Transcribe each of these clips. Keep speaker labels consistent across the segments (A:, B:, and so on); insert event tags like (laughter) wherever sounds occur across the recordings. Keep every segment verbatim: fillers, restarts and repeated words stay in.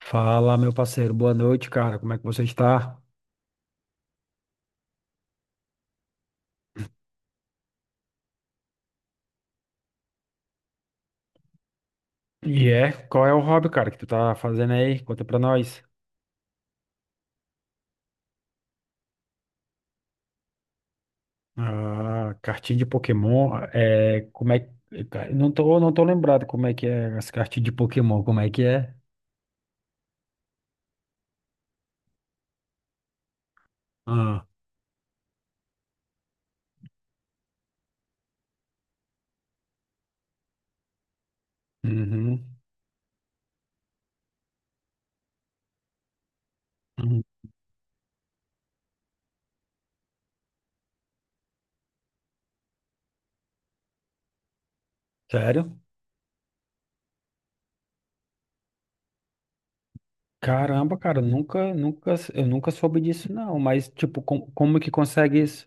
A: Fala, meu parceiro. Boa noite, cara. Como é que você está? E é, qual é o hobby, cara, que tu tá fazendo aí? Conta pra nós. Ah, cartinha de Pokémon. É, como é que, cara, Não tô, não tô lembrado como é que é as cartinhas de Pokémon. Como é que é? Ah, uhum, uhum. Sério? Caramba, cara, nunca, nunca, eu nunca soube disso, não. Mas, tipo, com- como que consegue isso?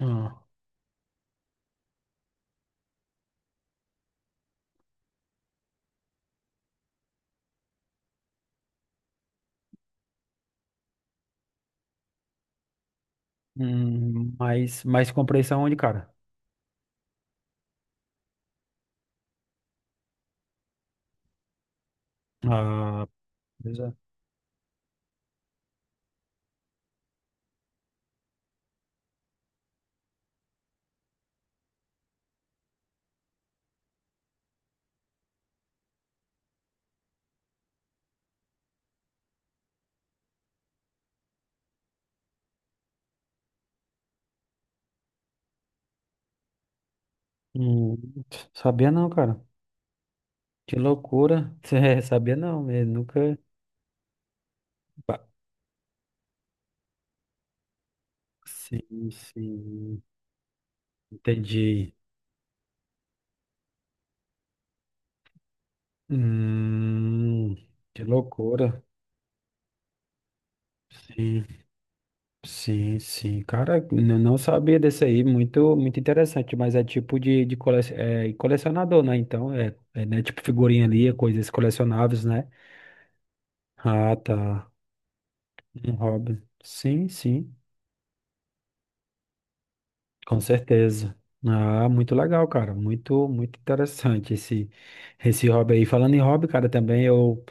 A: Ah, hum, mas, mas comprei isso aonde, cara? Ah, beleza. Hum, Sabia não, cara. Que loucura. (laughs) É, sabia não, né? Nunca. Ba- Sim, sim. Entendi. Hum, que loucura. Sim, sim, sim. Cara, eu não sabia desse aí. Muito, muito interessante, mas é tipo de, de cole... é, colecionador, né? Então, é, é né? Tipo figurinha ali, coisas colecionáveis, né? Ah, tá. Um hobby. Sim, sim. Com certeza. Ah, muito legal, cara. Muito, muito interessante esse, esse hobby aí. Falando em hobby, cara, também eu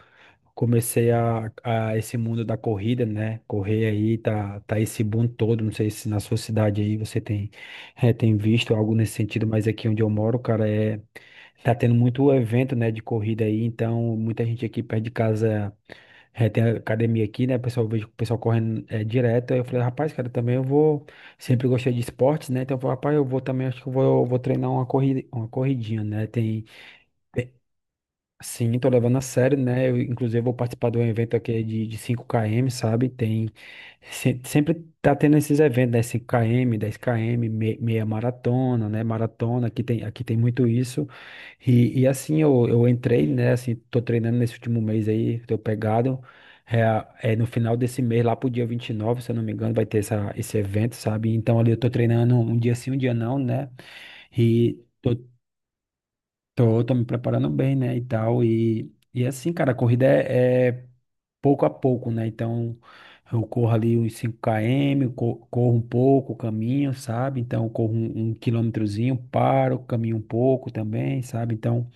A: comecei a, a esse mundo da corrida, né? Correr aí, tá, tá esse boom todo. Não sei se na sua cidade aí você tem, eh, tem visto algo nesse sentido, mas aqui onde eu moro, cara, é, tá tendo muito evento, né, de corrida aí. Então, muita gente aqui perto de casa. É, tem a academia aqui, né? O pessoal, eu vejo o pessoal correndo é, direto. Aí eu falei, rapaz, cara, também eu vou. Sempre gostei de esportes, né? Então eu falei, rapaz, eu vou também, acho que eu vou, eu vou treinar uma corrida, uma corridinha, né? Tem, Sim, tô levando a sério, né? Eu, inclusive, vou participar de um evento aqui de, de cinco km, sabe? Tem, se- Sempre tá tendo esses eventos, né? cinco km, dez quilômetros, me- meia maratona, né? Maratona, aqui tem, aqui tem, muito isso. E, e assim, eu, eu entrei, né? Assim, tô treinando nesse último mês aí, tô pegado. É, a- é no final desse mês, lá pro dia vinte e nove se eu não me engano, vai ter essa, esse evento, sabe? Então, ali eu tô treinando um dia sim, um dia não, né? E. Tô, tô me preparando bem, né, e tal, e, e assim, cara, a corrida é, é pouco a pouco, né, então eu corro ali uns cinco quilômetros, co- corro um pouco, caminho, sabe, então eu corro um, um quilômetrozinho, paro, caminho um pouco também, sabe, então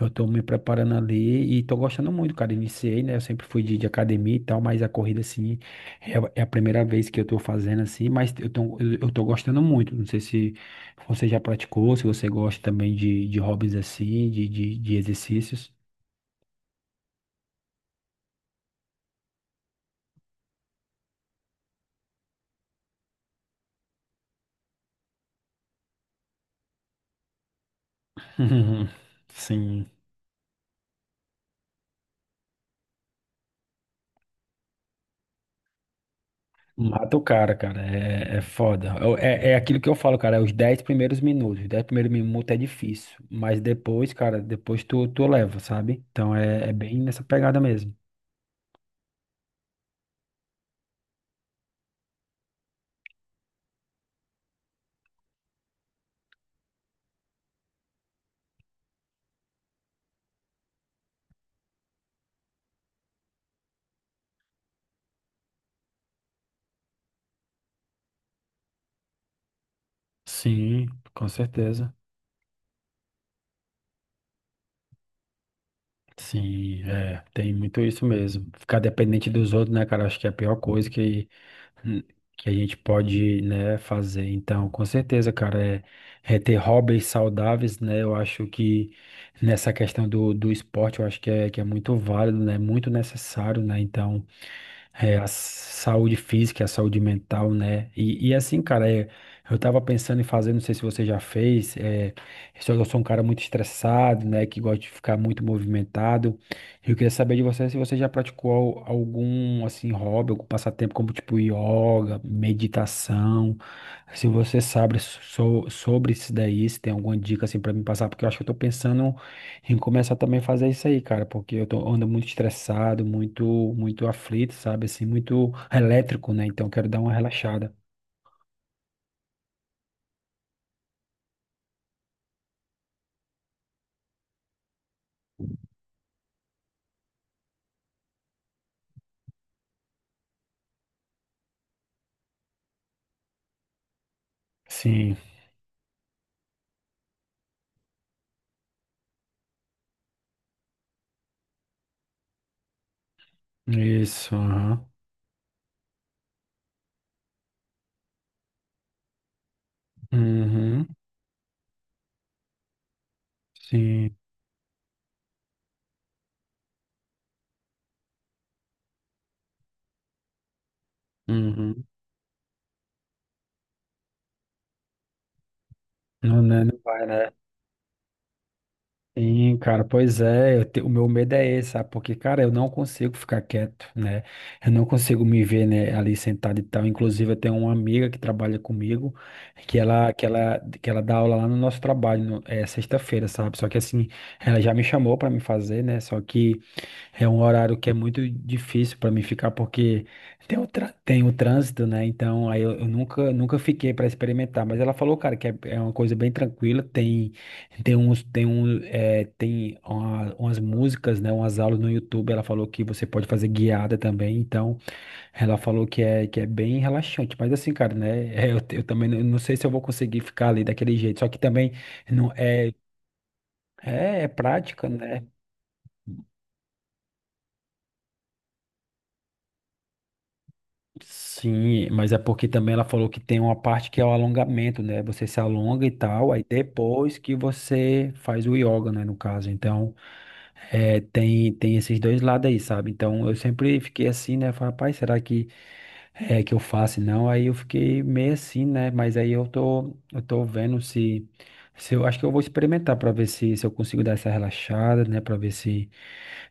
A: eu tô me preparando ali e tô gostando muito, cara. Iniciei, né? Eu sempre fui de, de academia e tal, mas a corrida, assim, é, a é a primeira vez que eu tô fazendo, assim, mas eu tô, eu, eu tô gostando muito. Não sei se você já praticou, se você gosta também de, de hobbies assim, de, de, de exercícios. (laughs) Uhum. Sim. Mata o cara, cara. É, é foda. Eu- É, é aquilo que eu falo, cara. É os dez primeiros minutos. Os dez primeiros minutos é difícil. Mas depois, cara, depois tu, tu leva, sabe? Então é, é bem nessa pegada mesmo. Sim, com certeza. Sim, é, tem muito isso mesmo. Ficar dependente dos outros, né, cara? Acho que é a pior coisa que, hum, que a gente pode, né, fazer. Então, com certeza, cara, é, é ter hobbies saudáveis, né? Eu acho que nessa questão do, do esporte, eu acho que é, que é muito válido, né? Muito necessário, né? Então. É, a saúde física, a saúde mental, né? E, e assim, cara, é, eu tava pensando em fazer, não sei se você já fez, é, só que eu sou um cara muito estressado, né? Que gosta de ficar muito movimentado. Eu queria saber de você se você já praticou al- algum, assim, hobby, algum passatempo, como tipo yoga, meditação. Se você sabe so- sobre isso daí, se tem alguma dica, assim, pra me passar, porque eu acho que eu tô pensando. E começar também a fazer isso aí, cara, porque eu tô, ando muito estressado, muito, muito aflito, sabe? Assim, muito elétrico, né? Então eu quero dar uma relaxada. Sim, isso, aham. Uhum. Sim, uhum. Não, né? Não vai, né? Sim, cara, pois é, eu te- o meu medo é esse, sabe? Porque, cara, eu não consigo ficar quieto, né? Eu não consigo me ver, né, ali sentado e tal. Inclusive, eu tenho uma amiga que trabalha comigo, que ela, que ela, que ela dá aula lá no nosso trabalho, no- é sexta-feira, sabe? Só que assim, ela já me chamou pra me fazer, né? Só que é um horário que é muito difícil pra mim ficar, porque tem o, trá- tem o trânsito, né? Então, aí eu, eu nunca, nunca fiquei pra experimentar. Mas ela falou, cara, que é, é uma coisa bem tranquila, tem. Tem uns, tem um, é, tem uma- Umas músicas, né, umas aulas no YouTube, ela falou que você pode fazer guiada também, então ela falou que é, que é bem relaxante, mas assim, cara, né, (laughs) é, eu, eu também não não sei se eu vou conseguir ficar ali daquele jeito, só que também não é, é, é prática, né, sim, mas é porque também ela falou que tem uma parte que é o alongamento, né, você se alonga e tal, aí depois que você faz o yoga, né, no caso, então. É, tem, tem esses dois lados aí, sabe? Então eu sempre fiquei assim, né? Falei, rapaz, será que é que eu faço? Não, aí eu fiquei meio assim, né? Mas aí eu tô, eu tô vendo se, se, eu acho que eu vou experimentar pra ver se, se, eu consigo dar essa relaxada, né? Pra ver se,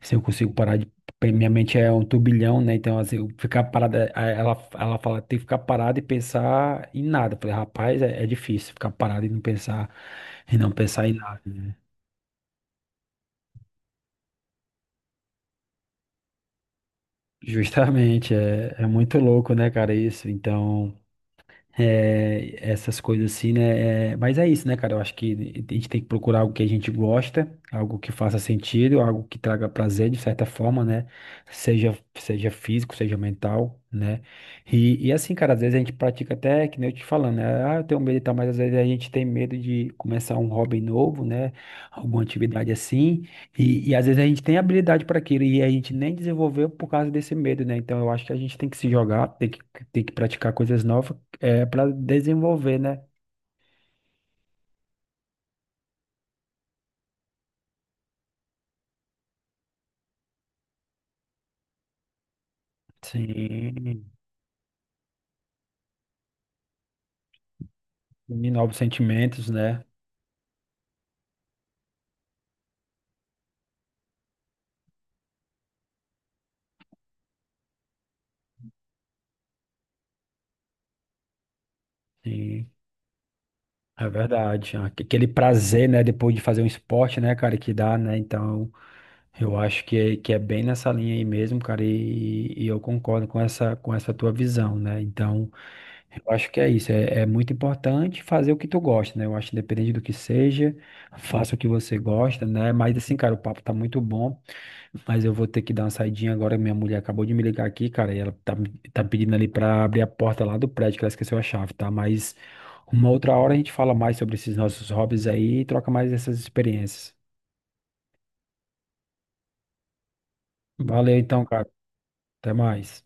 A: se eu consigo parar de. Porque minha mente é um turbilhão, né? Então, assim, eu ficar parada, a- ela, ela fala, tem que ficar parada e pensar em nada. Eu falei, rapaz, é, é difícil ficar parado e não pensar, e não pensar em nada, né? Justamente, é, é muito louco, né, cara, isso. Então, é, essas coisas assim, né? É, mas é isso, né, cara? Eu acho que a gente tem que procurar algo que a gente gosta, algo que faça sentido, algo que traga prazer de certa forma, né? Seja, seja físico, seja mental, né? E, e assim, cara, às vezes a gente pratica até, que nem eu te falando, né? Ah, eu tenho medo e tal, mas às vezes a gente tem medo de começar um hobby novo, né? Alguma atividade assim. E, e às vezes a gente tem habilidade para aquilo e a gente nem desenvolveu por causa desse medo, né? Então eu acho que a gente tem que se jogar, tem que, tem que praticar coisas novas é para desenvolver, né? Sim, e novos sentimentos, né? Sim, é verdade. Aque- Aquele prazer, né? Depois de fazer um esporte, né, cara, que dá, né? Então, eu acho que é, que é bem nessa linha aí mesmo, cara, e, e eu concordo com essa, com essa tua visão, né? Então, eu acho que é isso. É, é muito importante fazer o que tu gosta, né? Eu acho que independente do que seja, faça o que você gosta, né? Mas assim, cara, o papo tá muito bom. Mas eu vou ter que dar uma saidinha agora. Minha mulher acabou de me ligar aqui, cara, e ela tá, me- tá pedindo ali pra abrir a porta lá do prédio, que ela esqueceu a chave, tá? Mas uma outra hora a gente fala mais sobre esses nossos hobbies aí e troca mais essas experiências. Valeu então, cara. Até mais.